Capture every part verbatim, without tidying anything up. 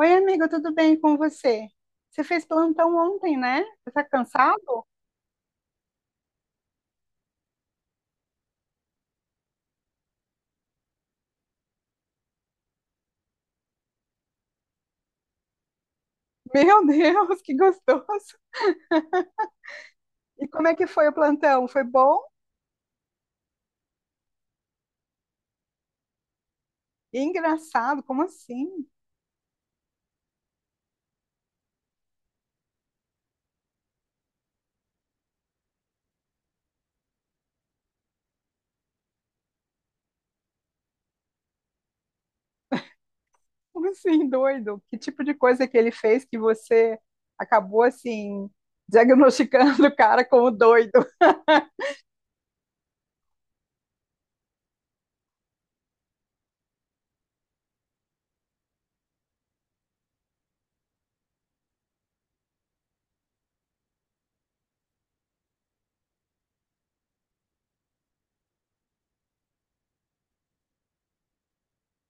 Oi, amigo, tudo bem com você? Você fez plantão ontem, né? Você tá cansado? Meu Deus, que gostoso! E como é que foi o plantão? Foi bom? E engraçado, como assim? Como assim, doido? Que tipo de coisa que ele fez que você acabou assim diagnosticando o cara como doido?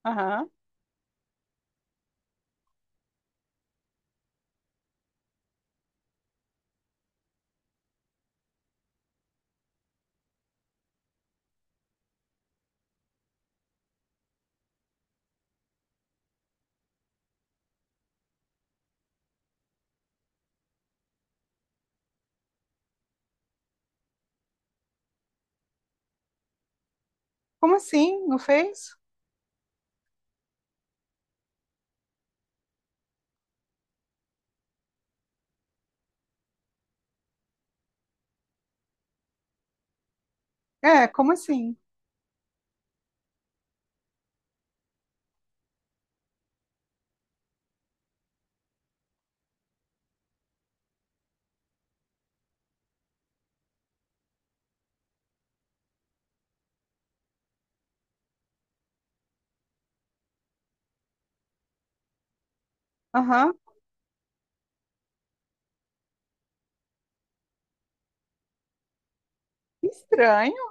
Aham. Como assim? Não fez? É, como assim? Aham. Que estranho.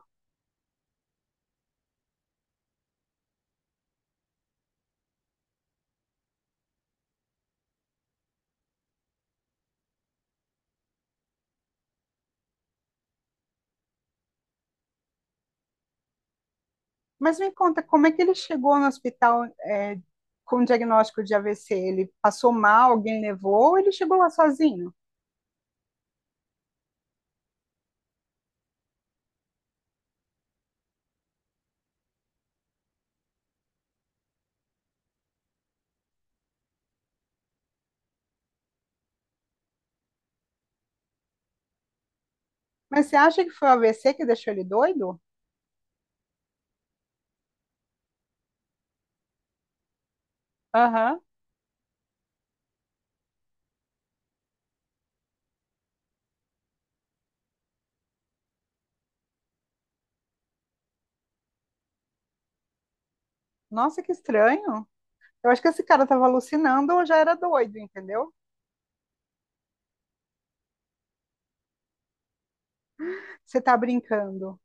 Mas me conta, como é que ele chegou no hospital, é, com o diagnóstico de A V C? Ele passou mal, alguém levou, ou ele chegou lá sozinho? Mas você acha que foi o A V C que deixou ele doido? Aham. Nossa, que estranho. Eu acho que esse cara estava alucinando ou já era doido, entendeu? Você tá brincando.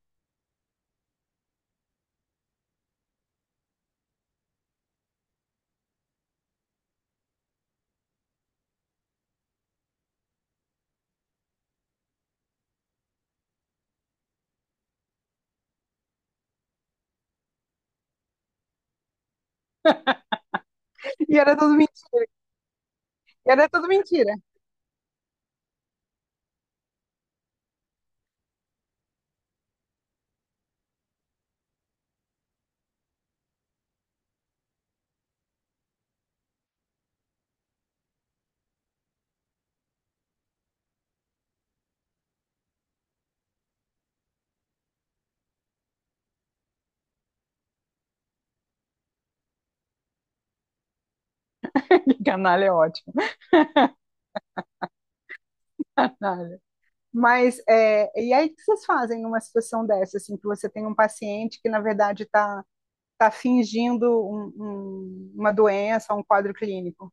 E era tudo mentira. Era tudo mentira. Canalha é ótimo. Canalha. Mas, é, e aí o que vocês fazem numa situação dessa, assim, que você tem um paciente que, na verdade, está está fingindo um, um, uma doença, um quadro clínico.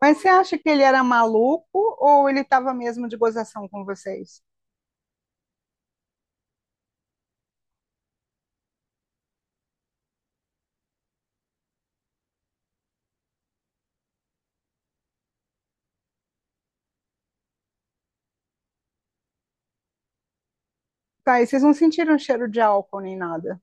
Mas você acha que ele era maluco ou ele estava mesmo de gozação com vocês? Tá, e vocês não sentiram cheiro de álcool nem nada?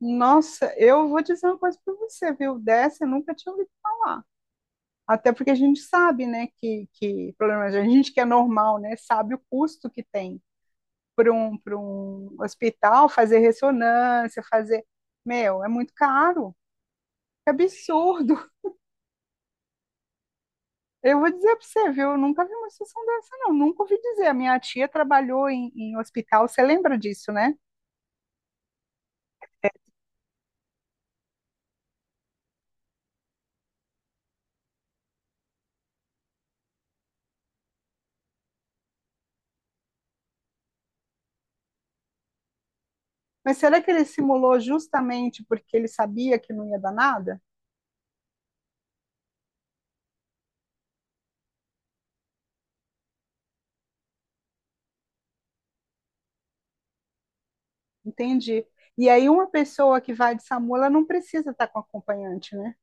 Nossa, eu vou dizer uma coisa para você, viu? Dessa eu nunca tinha ouvido falar. Até porque a gente sabe, né, que, que problema, a gente que é normal, né, sabe o custo que tem para um, para um hospital fazer ressonância, fazer. Meu, é muito caro. É absurdo. Eu vou dizer para você, viu? Eu nunca vi uma situação dessa, não. Nunca ouvi dizer. A minha tia trabalhou em, em hospital, você lembra disso, né? Mas será que ele simulou justamente porque ele sabia que não ia dar nada? Entendi. E aí, uma pessoa que vai de SAMU, ela não precisa estar com acompanhante, né?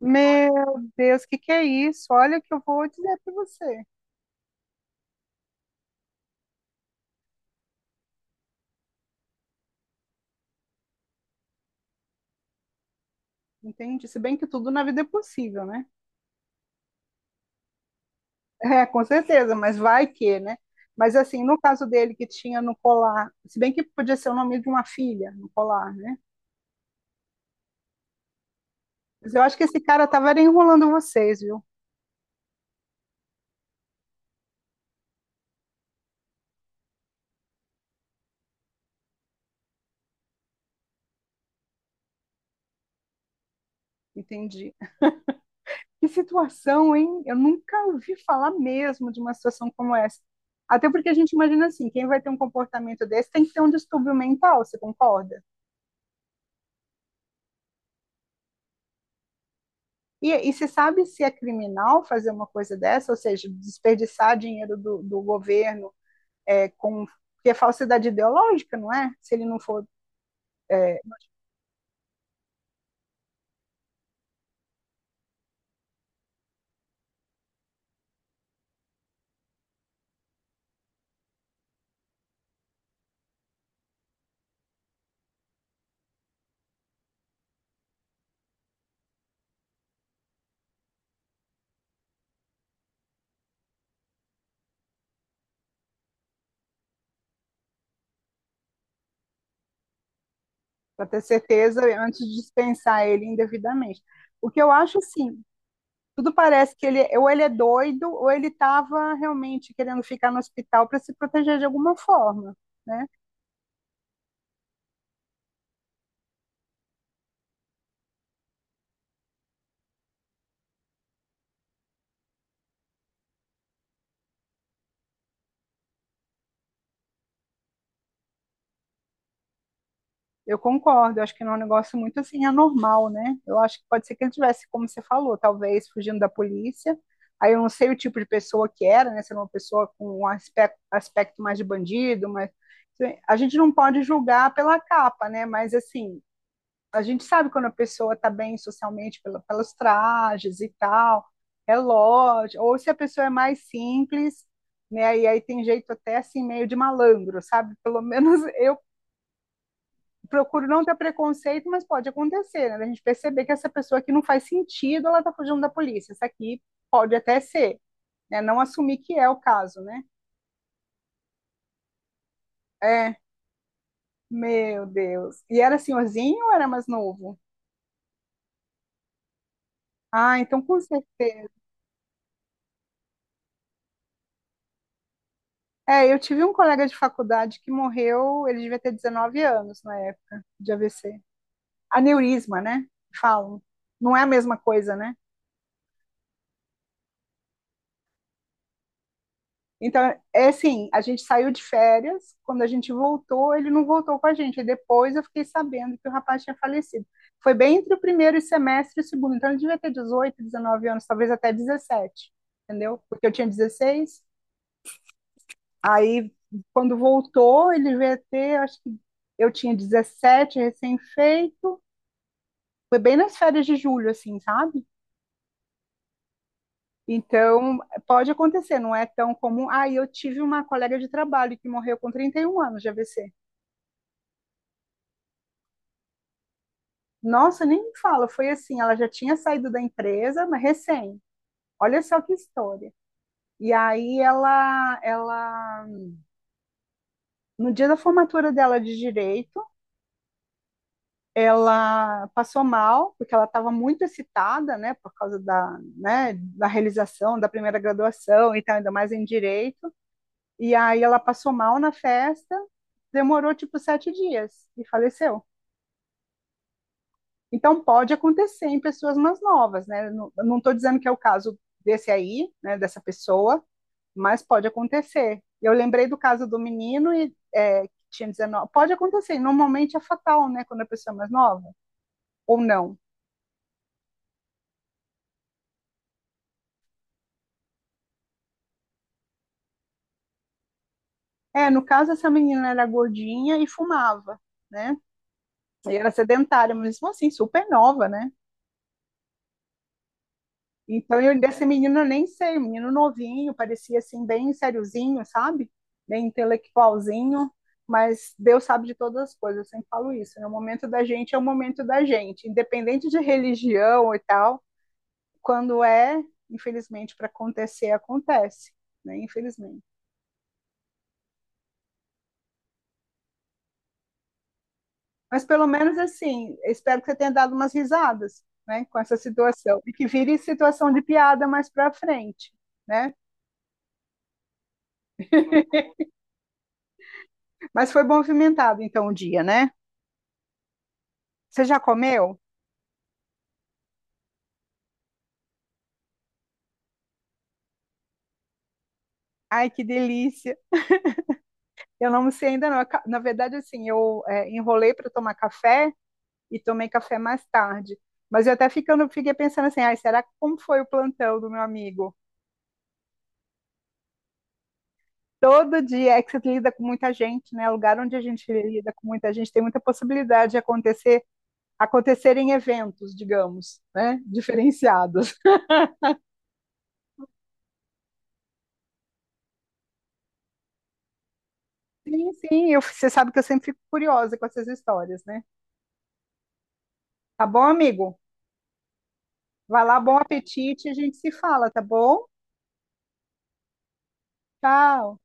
Meu Deus, o que que é isso? Olha o que eu vou dizer para você, entende? Se bem que tudo na vida é possível, né? É, com certeza, mas vai que, né? Mas assim, no caso dele que tinha no colar, se bem que podia ser o nome de uma filha no colar, né? Mas eu acho que esse cara estava enrolando vocês, viu? Entendi. Que situação, hein? Eu nunca ouvi falar mesmo de uma situação como essa. Até porque a gente imagina assim, quem vai ter um comportamento desse tem que ter um distúrbio mental, você concorda? E, e você sabe se é criminal fazer uma coisa dessa, ou seja, desperdiçar dinheiro do, do governo, é, com porque é falsidade ideológica, não é? Se ele não for para ter certeza antes de dispensar ele indevidamente. O que eu acho, assim, tudo parece que ele é, ou ele é doido ou ele estava realmente querendo ficar no hospital para se proteger de alguma forma, né? Eu concordo, eu acho que não é um negócio muito assim anormal, né? Eu acho que pode ser que ele tivesse, como você falou, talvez fugindo da polícia. Aí eu não sei o tipo de pessoa que era, né? Se era uma pessoa com um aspecto, aspecto mais de bandido, mas assim, a gente não pode julgar pela capa, né? Mas assim, a gente sabe quando a pessoa está bem socialmente pela, pelos trajes e tal, relógio, ou se a pessoa é mais simples, né? E aí tem jeito até assim meio de malandro, sabe? Pelo menos eu procuro não ter preconceito, mas pode acontecer, né? A gente perceber que essa pessoa aqui não faz sentido, ela está fugindo da polícia. Essa aqui pode até ser, né? Não assumir que é o caso, né? É, meu Deus. E era senhorzinho ou era mais novo? Ah, então com certeza. É, eu tive um colega de faculdade que morreu, ele devia ter dezenove anos na época de A V C. Aneurisma, né? Falam. Não é a mesma coisa, né? Então, é assim, a gente saiu de férias, quando a gente voltou, ele não voltou com a gente. E depois eu fiquei sabendo que o rapaz tinha falecido. Foi bem entre o primeiro semestre e o segundo. Então, ele devia ter dezoito, dezenove anos, talvez até dezessete, entendeu? Porque eu tinha dezesseis. Aí, quando voltou, ele devia ter, acho que eu tinha dezessete, recém-feito. Foi bem nas férias de julho, assim, sabe? Então, pode acontecer, não é tão comum. Ah, e eu tive uma colega de trabalho que morreu com trinta e um anos de A V C. Nossa, nem me fala, foi assim, ela já tinha saído da empresa, mas recém. Olha só que história. E aí ela, ela, no dia da formatura dela de direito, ela passou mal, porque ela estava muito excitada, né, por causa da, né, da realização da primeira graduação e tal, ainda mais em direito. E aí ela passou mal na festa, demorou tipo sete dias e faleceu. Então pode acontecer em pessoas mais novas, né? Não- Eu Não estou dizendo que é o caso desse aí, né, dessa pessoa, mas pode acontecer. Eu lembrei do caso do menino e é, que tinha dezenove. Pode acontecer, normalmente é fatal, né, quando a pessoa é mais nova, ou não. É, no caso essa menina era gordinha e fumava, né? E era sedentária, mas mesmo assim super nova, né? Então, eu desse menino eu nem sei, um menino novinho, parecia assim, bem sériozinho, sabe? Bem intelectualzinho, mas Deus sabe de todas as coisas, eu sempre falo isso, né? O momento da gente é o momento da gente, independente de religião e tal, quando é, infelizmente, para acontecer, acontece, né? Infelizmente. Mas pelo menos assim, eu espero que você tenha dado umas risadas, né, com essa situação, e que vire situação de piada mais para frente, né? Mas foi movimentado então o dia, né? Você já comeu? Ai, que delícia. Eu não sei ainda não. Aca- Na verdade, assim, eu é, enrolei para tomar café e tomei café mais tarde. Mas eu até ficando, fiquei pensando assim, ai, será que- como foi o plantão do meu amigo? Todo dia é que você lida com muita gente, né? Lugar onde a gente lida com muita gente tem muita possibilidade de acontecer, acontecerem eventos, digamos, né? Diferenciados. Sim, sim, eu- você sabe que eu sempre fico curiosa com essas histórias, né? Tá bom, amigo? Vai lá, bom apetite, a gente se fala, tá bom? Tchau.